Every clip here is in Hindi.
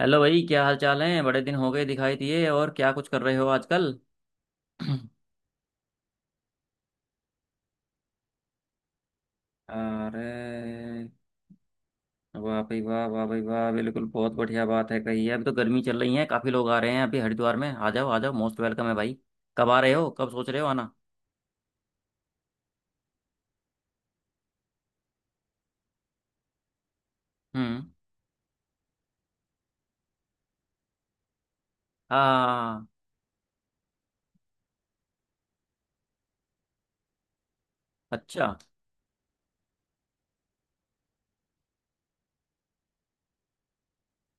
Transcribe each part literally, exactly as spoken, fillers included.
हेलो भाई, क्या हाल चाल है? बड़े दिन हो गए दिखाई दिए। और क्या कुछ कर रहे हो आजकल? अरे वाह भाई वाह, वाह भाई वाह! बिल्कुल, बहुत बढ़िया बात है कही है। अभी तो गर्मी चल रही है, काफी लोग आ रहे हैं अभी हरिद्वार में। आ जाओ आ जाओ, मोस्ट वेलकम है भाई। कब आ रहे हो, कब सोच रहे हो आना? हम्म। हाँ। अच्छा।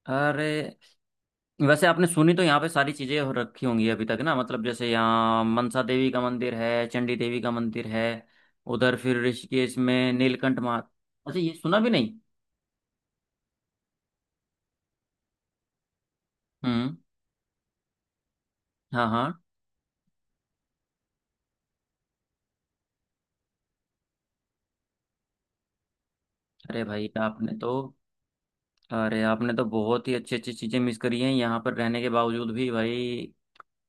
अरे वैसे आपने सुनी तो यहाँ पे सारी चीजें हो रखी होंगी अभी तक ना, मतलब जैसे यहाँ मनसा देवी का मंदिर है, चंडी देवी का मंदिर है। उधर फिर ऋषिकेश में नीलकंठ महा अच्छा, ये सुना भी नहीं। हम्म। हाँ हाँ। अरे भाई आपने तो अरे आपने तो बहुत ही अच्छी अच्छी चीज़ें मिस करी हैं यहाँ पर रहने के बावजूद भी भाई।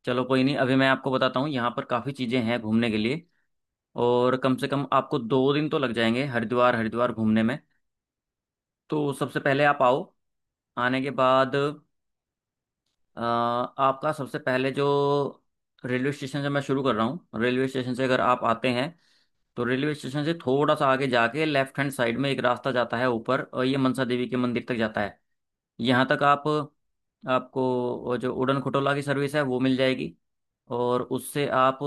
चलो कोई नहीं, अभी मैं आपको बताता हूँ, यहाँ पर काफ़ी चीज़ें हैं घूमने के लिए। और कम से कम आपको दो दिन तो लग जाएंगे हरिद्वार हरिद्वार घूमने में। तो सबसे पहले आप आओ। आने के बाद अ, आपका सबसे पहले जो रेलवे स्टेशन से मैं शुरू कर रहा हूँ, रेलवे स्टेशन से अगर आप आते हैं, तो रेलवे स्टेशन से थोड़ा सा आगे जाके लेफ्ट हैंड साइड में एक रास्ता जाता है ऊपर, और ये मनसा देवी के मंदिर तक जाता है। यहाँ तक आप, आपको वो जो उड़न खटोला की सर्विस है वो मिल जाएगी, और उससे आप,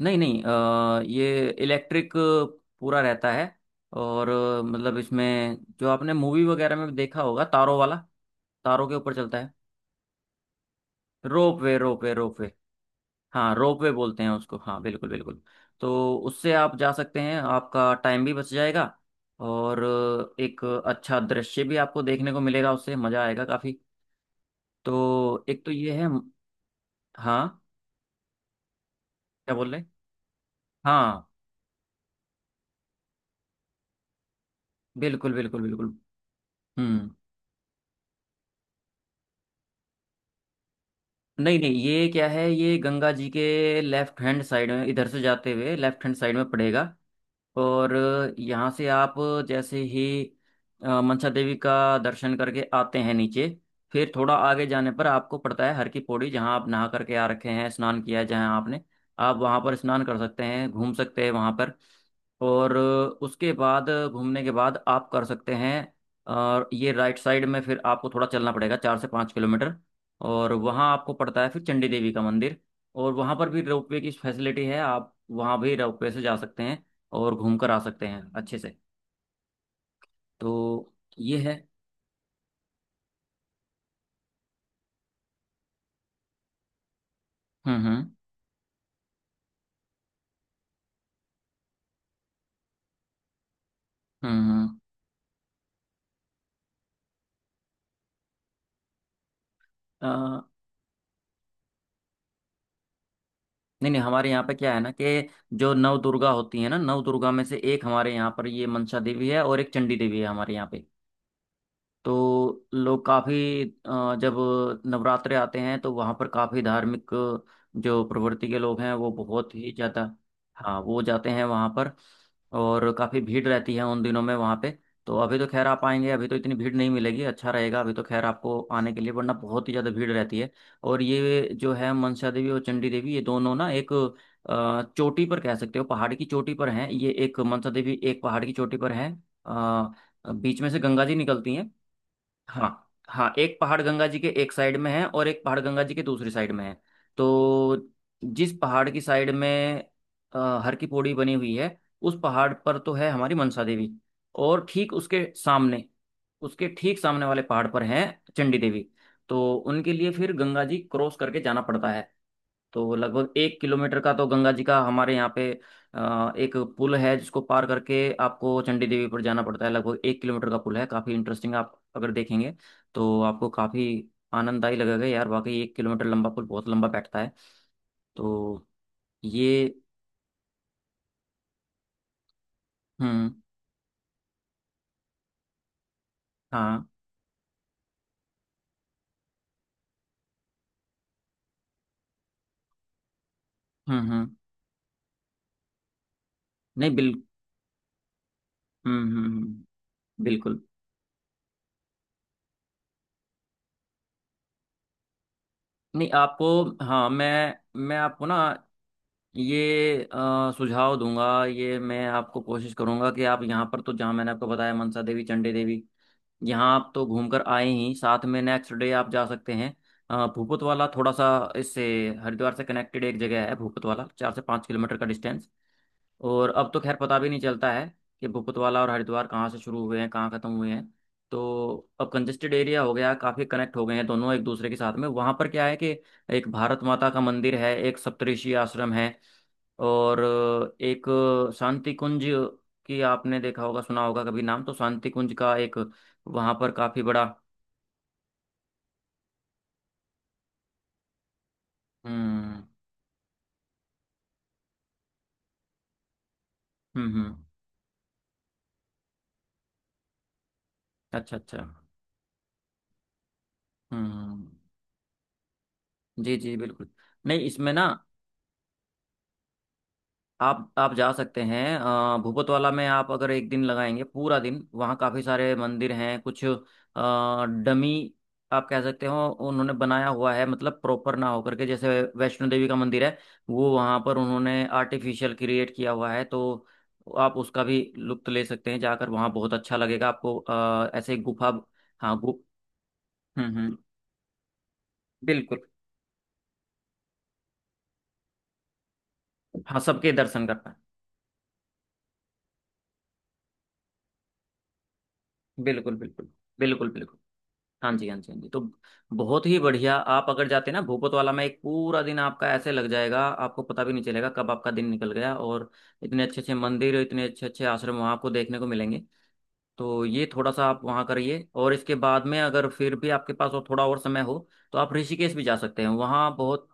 नहीं नहीं अ, ये इलेक्ट्रिक पूरा रहता है, और अ, मतलब इसमें जो आपने मूवी वगैरह में देखा होगा तारों वाला, तारों के ऊपर चलता है। Ropeway ropeway ropeway. हाँ रोप वे बोलते हैं उसको, हाँ बिल्कुल बिल्कुल। तो उससे आप जा सकते हैं, आपका टाइम भी बच जाएगा और अ, एक अच्छा दृश्य भी आपको देखने को मिलेगा, उससे मज़ा आएगा काफ़ी। तो एक तो ये है। हाँ। क्या बोल रहे। हाँ बिल्कुल बिल्कुल बिल्कुल। हम्म। नहीं नहीं, ये क्या है, ये गंगा जी के लेफ्ट हैंड साइड में, इधर से जाते हुए लेफ्ट हैंड साइड में पड़ेगा। और यहाँ से आप जैसे ही अ, मनसा देवी का दर्शन करके आते हैं नीचे, फिर थोड़ा आगे जाने पर आपको पड़ता है हर की पौड़ी, जहाँ आप नहा करके आ रखे हैं, स्नान किया है जहाँ आपने। आप वहाँ पर स्नान कर सकते हैं, घूम सकते हैं वहाँ पर। और अ, उसके बाद अ, घूमने के बाद आप कर सकते हैं। और ये राइट साइड में फिर आपको थोड़ा चलना पड़ेगा, चार से पाँच किलोमीटर, और वहाँ आपको पड़ता है फिर चंडी देवी का मंदिर। और वहाँ पर भी रोपवे की फैसिलिटी है, आप वहाँ भी रोपवे से जा सकते हैं और घूम कर आ सकते हैं अच्छे से। तो ये है। हम्म हम्म हम्म। हम्म। अ, नहीं नहीं, हमारे यहाँ पे क्या है ना, कि जो नव दुर्गा होती है ना, नव दुर्गा में से एक हमारे यहाँ पर ये मनसा देवी है, और एक चंडी देवी है हमारे यहाँ पे। तो लोग काफ़ी, जब नवरात्रे आते हैं तो वहाँ पर काफ़ी धार्मिक, जो प्रवृत्ति के लोग हैं वो बहुत ही ज़्यादा, हाँ वो जाते हैं वहाँ पर। और काफ़ी भीड़ रहती है उन दिनों में वहाँ पे। तो अभी तो खैर आप आएंगे, अभी तो इतनी भीड़ नहीं मिलेगी, अच्छा रहेगा अभी तो खैर आपको आने के लिए, वरना बहुत ही ज़्यादा भीड़ रहती है। और ये जो है मनसा देवी और चंडी देवी, ये दोनों ना एक अ, चोटी पर कह सकते हो, पहाड़ की चोटी पर हैं ये, एक मनसा देवी एक पहाड़ की चोटी पर है। अ, बीच में से गंगा जी निकलती हैं। हाँ हाँ, एक पहाड़ गंगा जी के एक साइड में है और एक पहाड़ गंगा जी के दूसरी साइड में है। तो जिस पहाड़ की साइड में अ, हर की पौड़ी बनी हुई है, उस पहाड़ पर तो है हमारी मनसा देवी। और ठीक उसके सामने, उसके ठीक सामने वाले पहाड़ पर हैं चंडी देवी। तो उनके लिए फिर गंगा जी क्रॉस करके जाना पड़ता है। तो लगभग एक किलोमीटर का तो गंगा जी का हमारे यहाँ पे अ, एक पुल है, जिसको पार करके आपको चंडी देवी पर जाना पड़ता है। लगभग एक किलोमीटर का पुल है, काफ़ी इंटरेस्टिंग, आप अगर देखेंगे तो आपको काफ़ी आनंददायी लगेगा यार। वाकई एक किलोमीटर लंबा पुल बहुत लंबा बैठता है। तो ये। हम्म। हाँ। हम्म हम्म। नहीं बिल हम्म हम्म हम्म, बिल्कुल। नहीं आपको, हाँ मैं मैं आपको ना ये अ, सुझाव दूंगा, ये मैं आपको कोशिश करूंगा कि आप यहाँ पर तो जहाँ मैंने आपको बताया मनसा देवी चंडी देवी, यहाँ आप तो घूमकर आए ही, साथ में नेक्स्ट डे आप जा सकते हैं अ, भूपतवाला। थोड़ा सा इससे हरिद्वार से कनेक्टेड एक जगह है भूपतवाला, चार से पाँच किलोमीटर का डिस्टेंस। और अब तो खैर पता भी नहीं चलता है कि भूपतवाला और हरिद्वार कहाँ से शुरू हुए हैं, कहाँ ख़त्म हुए हैं। तो अब कंजेस्टेड एरिया हो गया, काफ़ी कनेक्ट हो गए हैं दोनों एक दूसरे के साथ में। वहाँ पर क्या है, कि एक भारत माता का मंदिर है, एक सप्तऋषि आश्रम है। और अ, एक शांति कुंज की आपने देखा होगा, सुना होगा कभी नाम तो, शांति कुंज का एक, वहां पर काफी बड़ा। हम्म हम्म हम्म। अच्छा अच्छा। हम्म। जी जी बिल्कुल। नहीं इसमें ना आप आप जा सकते हैं अ, भूपतवाला में। आप अगर एक दिन लगाएंगे पूरा दिन, वहाँ काफ़ी सारे मंदिर हैं। कुछ डमी आप कह सकते हो, उन्होंने बनाया हुआ है, मतलब प्रॉपर ना होकर के, जैसे वैष्णो देवी का मंदिर है, वो वहाँ पर उन्होंने आर्टिफिशियल क्रिएट किया हुआ है। तो आप उसका भी लुत्फ ले सकते हैं जाकर, वहाँ बहुत अच्छा लगेगा आपको, अ, ऐसे ही गुफा। हाँ गु हम्म हम्म बिल्कुल। हाँ सबके दर्शन करना है, बिल्कुल बिल्कुल बिल्कुल बिल्कुल। हाँ जी, हाँ जी, हाँ जी, तो बहुत ही बढ़िया। आप अगर जाते ना भूपत वाला में, एक पूरा दिन आपका ऐसे लग जाएगा, आपको पता भी नहीं चलेगा कब आपका दिन निकल गया। और इतने अच्छे अच्छे मंदिर, इतने अच्छे अच्छे आश्रम वहाँ आपको देखने को मिलेंगे। तो ये थोड़ा सा आप वहाँ करिए, और इसके बाद में अगर फिर भी आपके पास और थोड़ा और समय हो, तो आप ऋषिकेश भी जा सकते हैं, वहाँ बहुत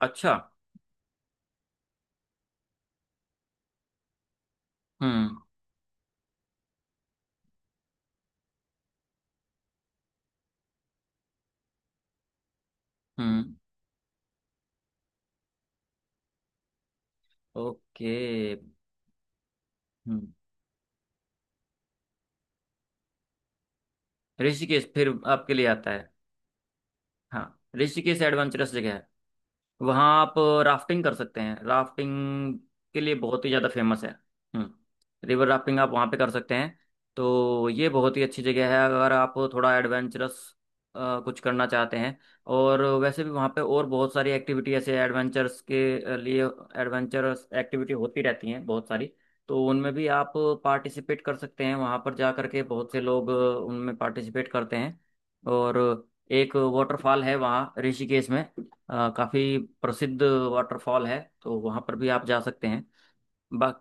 अच्छा। हम्म हम्म। ओके। हम्म। ऋषिकेश फिर आपके लिए आता है। हाँ ऋषिकेश एडवेंचरस जगह है, वहाँ आप राफ्टिंग कर सकते हैं, राफ्टिंग के लिए बहुत ही ज़्यादा फेमस है। हम्म, रिवर राफ्टिंग आप वहाँ पे कर सकते हैं। तो ये बहुत ही अच्छी जगह है अगर आप थोड़ा एडवेंचरस कुछ करना चाहते हैं। और वैसे भी वहाँ पे और बहुत सारी एक्टिविटी ऐसे एडवेंचर्स के लिए, एडवेंचरस एक्टिविटी होती रहती हैं बहुत सारी। तो उनमें भी आप पार्टिसिपेट कर सकते हैं वहाँ पर जा करके, बहुत से लोग उनमें पार्टिसिपेट करते हैं। और एक वाटरफॉल है वहाँ ऋषिकेश में, अ, काफ़ी प्रसिद्ध वाटरफॉल है, तो वहाँ पर भी आप जा सकते हैं। बा,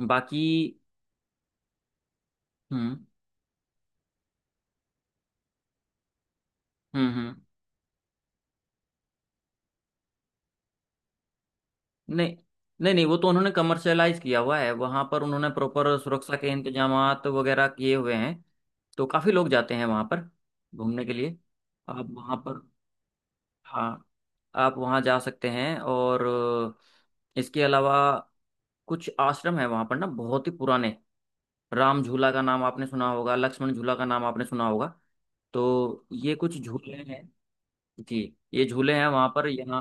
बाकी। हम्म हम्म हम्म। नहीं नहीं नहीं, वो तो उन्होंने कमर्शलाइज किया हुआ है वहाँ पर, उन्होंने प्रॉपर सुरक्षा के इंतजामात वगैरह किए हुए हैं। तो काफ़ी लोग जाते हैं वहाँ पर घूमने के लिए। आप वहाँ पर, हाँ, आप वहाँ जा सकते हैं। और अ, इसके अलावा कुछ आश्रम है वहाँ पर ना बहुत ही पुराने। राम झूला का नाम आपने सुना होगा, लक्ष्मण झूला का नाम आपने सुना होगा। तो ये कुछ झूले हैं। जी, ये झूले हैं वहां पर यहाँ।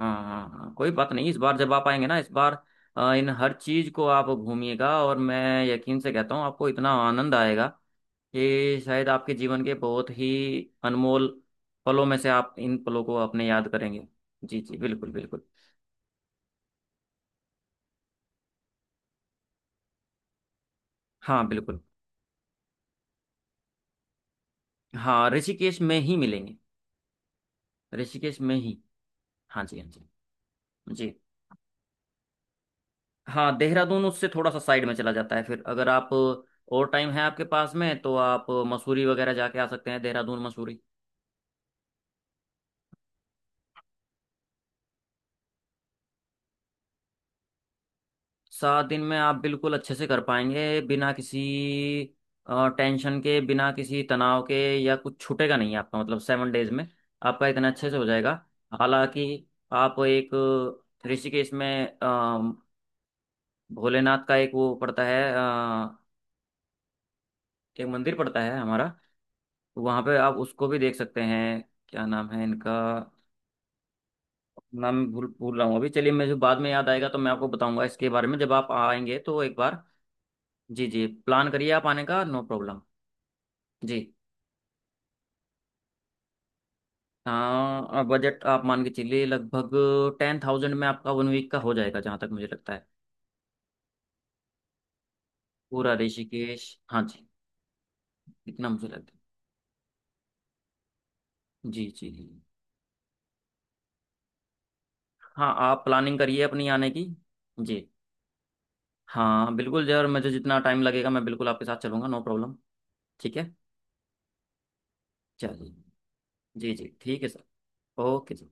हाँ हाँ हाँ, कोई बात नहीं, इस बार जब आप आएंगे ना, इस बार अ, इन हर चीज को आप घूमिएगा। और मैं यकीन से कहता हूँ आपको इतना आनंद आएगा, कि शायद आपके जीवन के बहुत ही अनमोल पलों में से आप इन पलों को अपने याद करेंगे। जी जी बिल्कुल बिल्कुल। हाँ बिल्कुल, हाँ ऋषिकेश में ही मिलेंगे, ऋषिकेश में ही। हाँ जी, हाँ जी। जी। हाँ देहरादून उससे थोड़ा सा साइड में चला जाता है, फिर अगर आप, और टाइम है आपके पास में, तो आप मसूरी वगैरह जाके आ सकते हैं, देहरादून मसूरी। सात दिन में आप बिल्कुल अच्छे से कर पाएंगे, बिना किसी टेंशन के, बिना किसी तनाव के, या कुछ छूटेगा नहीं आपका, मतलब सेवन डेज में आपका इतना अच्छे से हो जाएगा। हालांकि आप एक ऋषिकेश में अ, भोलेनाथ का एक वो पड़ता है, अ, एक मंदिर पड़ता है हमारा, वहाँ पे आप उसको भी देख सकते हैं। क्या नाम है इनका, नाम भूल भूल रहा हूँ अभी, चलिए मुझे बाद में याद आएगा तो मैं आपको बताऊंगा इसके बारे में, जब आप आएंगे तो एक बार। जी जी, प्लान करिए आप आने का, नो प्रॉब्लम। जी, हाँ बजट आप मान के चलिए लगभग टेन थाउजेंड में आपका वन वीक का हो जाएगा, जहाँ तक मुझे लगता है। पूरा ऋषिकेश, हाँ जी। इतना मुझे लगता है, जी जी जी। हाँ आप प्लानिंग करिए अपनी आने की। जी हाँ बिल्कुल जी, और मुझे जितना टाइम लगेगा मैं बिल्कुल आपके साथ चलूंगा, नो प्रॉब्लम। ठीक है। चलिए। जी जी ठीक है सर। ओके जी।